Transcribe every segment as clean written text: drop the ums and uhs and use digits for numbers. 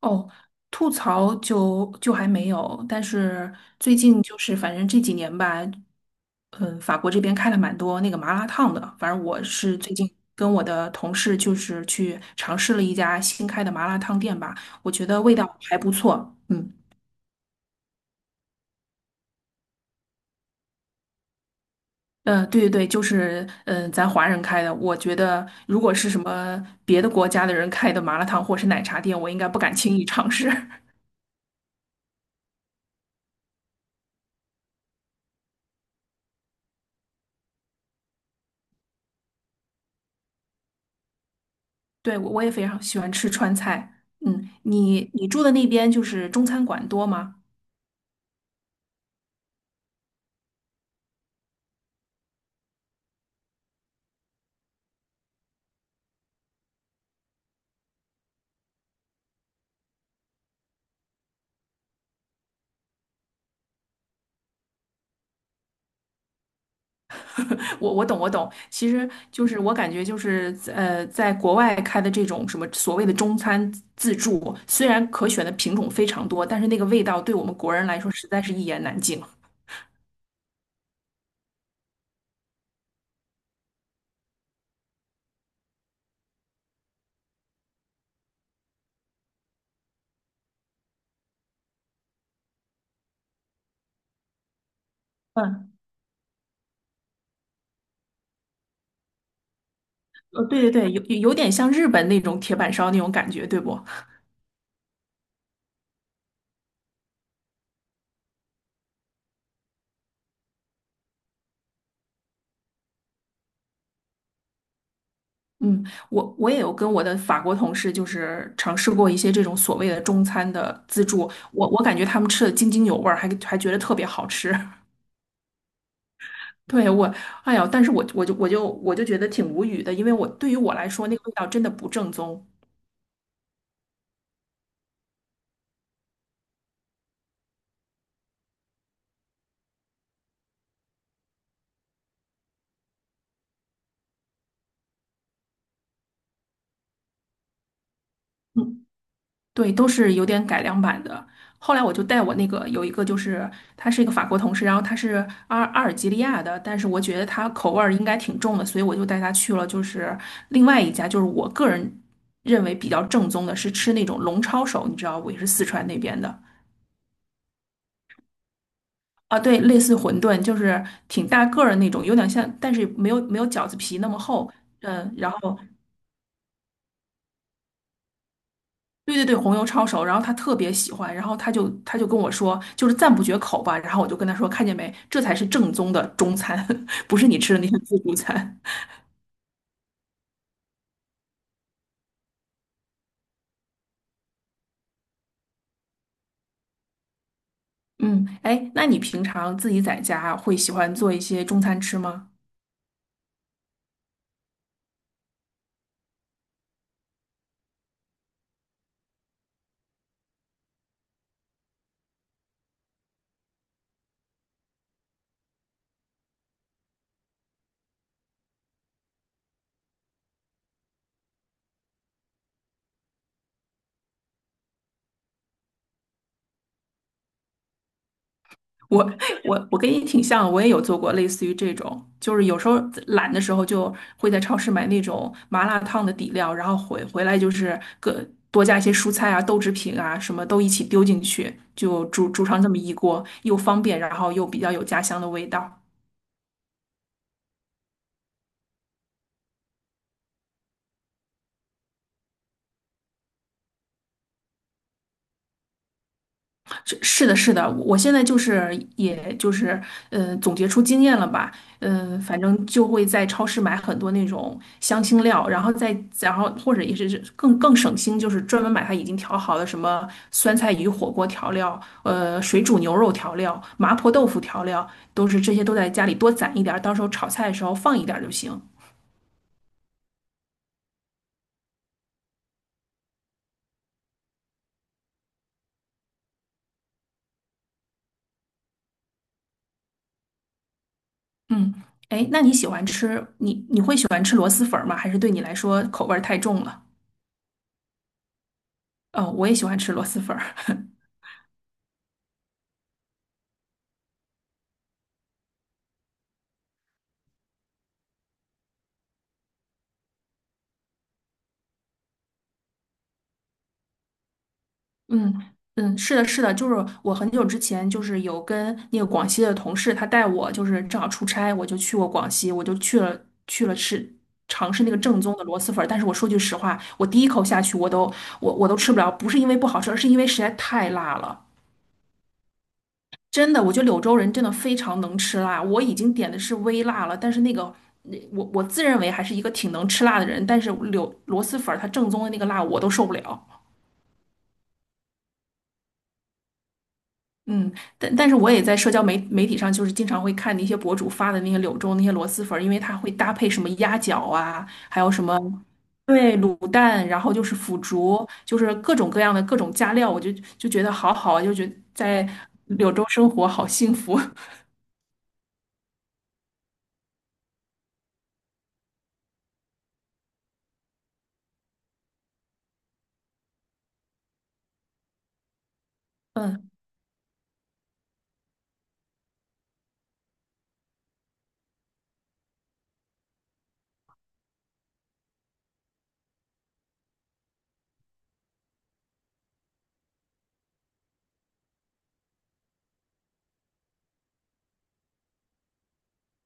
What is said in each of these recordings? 哦，吐槽就还没有，但是最近就是反正这几年吧，嗯，法国这边开了蛮多那个麻辣烫的，反正我是最近跟我的同事就是去尝试了一家新开的麻辣烫店吧，我觉得味道还不错，嗯。嗯，对对对，就是咱华人开的，我觉得如果是什么别的国家的人开的麻辣烫或是奶茶店，我应该不敢轻易尝试。对，我也非常喜欢吃川菜。嗯，你住的那边就是中餐馆多吗？我懂我懂，其实就是我感觉就是在国外开的这种什么所谓的中餐自助，虽然可选的品种非常多，但是那个味道对我们国人来说实在是一言难尽。嗯，对对对，有点像日本那种铁板烧那种感觉，对不？嗯，我也有跟我的法国同事，就是尝试过一些这种所谓的中餐的自助，我感觉他们吃的津津有味儿，还觉得特别好吃。对，我，哎呀，但是我就觉得挺无语的，因为我对于我来说，那个味道真的不正宗。嗯。对，都是有点改良版的。后来我就带我那个有一个，就是他是一个法国同事，然后他是阿尔及利亚的，但是我觉得他口味儿应该挺重的，所以我就带他去了，就是另外一家，就是我个人认为比较正宗的，是吃那种龙抄手，你知道，我也是四川那边的啊，对，类似馄饨，就是挺大个儿的那种，有点像，但是没有饺子皮那么厚，嗯，然后对对对，红油抄手，然后他特别喜欢，然后他就跟我说，就是赞不绝口吧。然后我就跟他说，看见没，这才是正宗的中餐，不是你吃的那些自助餐。嗯，哎，那你平常自己在家会喜欢做一些中餐吃吗？我我跟你挺像，我也有做过类似于这种，就是有时候懒的时候就会在超市买那种麻辣烫的底料，然后回来就是各多加一些蔬菜啊、豆制品啊，什么都一起丢进去，就煮上这么一锅，又方便，然后又比较有家乡的味道。是的，是的，我现在就是，也就是，总结出经验了吧，嗯、反正就会在超市买很多那种香辛料，然后再，然后或者也是更省心，就是专门买它已经调好的什么酸菜鱼火锅调料，水煮牛肉调料、麻婆豆腐调料，都是这些都在家里多攒一点儿，到时候炒菜的时候放一点儿就行。嗯，哎，那你喜欢吃，你会喜欢吃螺蛳粉儿吗？还是对你来说口味儿太重了？哦，我也喜欢吃螺蛳粉儿。嗯嗯，是的，是的，就是我很久之前就是有跟那个广西的同事，他带我就是正好出差，我就去过广西，我就去了尝试那个正宗的螺蛳粉儿。但是我说句实话，我第一口下去我都吃不了，不是因为不好吃，而是因为实在太辣了。真的，我觉得柳州人真的非常能吃辣。我已经点的是微辣了，但是那个那我自认为还是一个挺能吃辣的人，但是柳螺蛳粉儿它正宗的那个辣我都受不了。嗯，但但是我也在社交媒体上，就是经常会看那些博主发的那些柳州那些螺蛳粉儿，因为它会搭配什么鸭脚啊，还有什么对卤蛋，然后就是腐竹，就是各种各样的各种加料，我就觉得好好啊就觉得在柳州生活好幸福。嗯，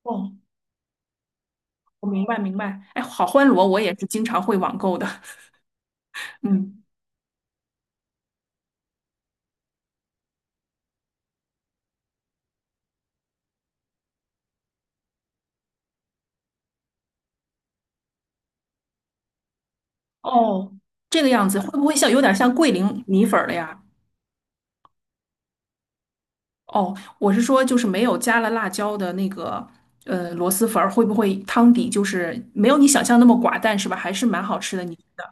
哦，我明白明白。哎，好欢螺我也是经常会网购的。嗯，哦，这个样子会不会像有点像桂林米粉儿了呀？哦，我是说，就是没有加了辣椒的那个螺蛳粉儿，会不会汤底就是没有你想象那么寡淡，是吧？还是蛮好吃的，你觉得？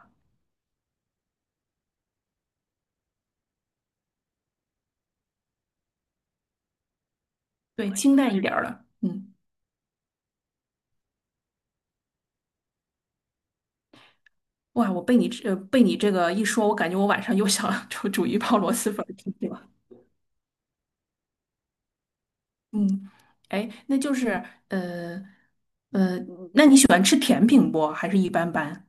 对，清淡一点儿了。嗯，哇，我被你这呃被你这个一说，我感觉我晚上又想 煮一泡螺蛳粉儿吃去了。嗯，哎，那就是呃呃，那你喜欢吃甜品不？还是一般般？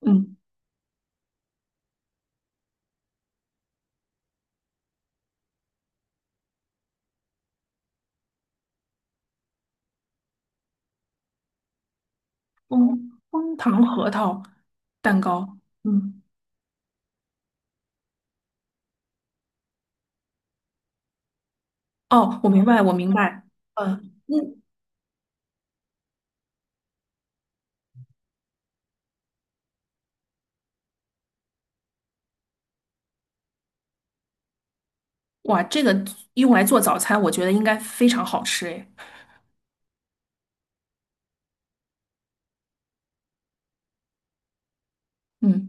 嗯，枫糖核桃蛋糕。嗯，哦，我明白，我明白。嗯嗯。哇，这个用来做早餐，我觉得应该非常好吃诶。嗯，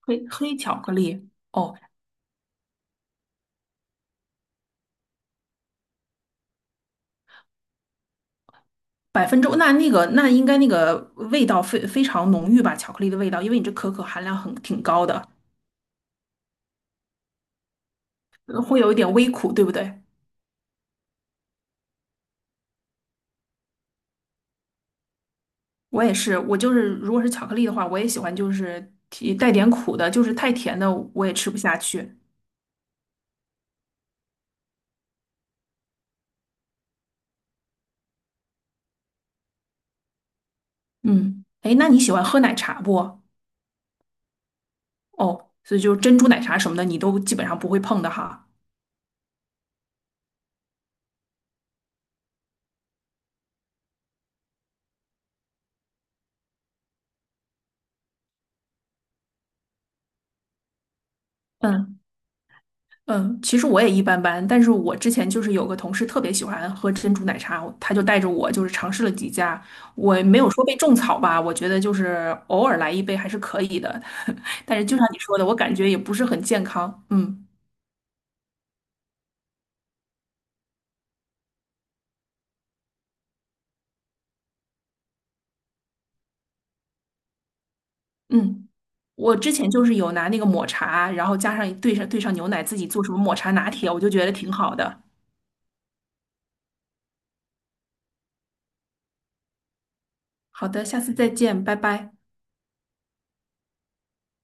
黑巧克力，哦，百分之那应该那个味道非常浓郁吧？巧克力的味道，因为你这可可含量很挺高的，会有一点微苦，对不对？我也是，我就是如果是巧克力的话，我也喜欢就是提带点苦的，就是太甜的我也吃不下去。嗯，哎，那你喜欢喝奶茶不？哦，所以就是珍珠奶茶什么的，你都基本上不会碰的哈。嗯。嗯，其实我也一般般，但是我之前就是有个同事特别喜欢喝珍珠奶茶，他就带着我就是尝试了几家，我没有说被种草吧，我觉得就是偶尔来一杯还是可以的，但是就像你说的，我感觉也不是很健康。嗯嗯，我之前就是有拿那个抹茶，然后加上兑上牛奶，自己做什么抹茶拿铁，我就觉得挺好的。好的，下次再见，拜拜。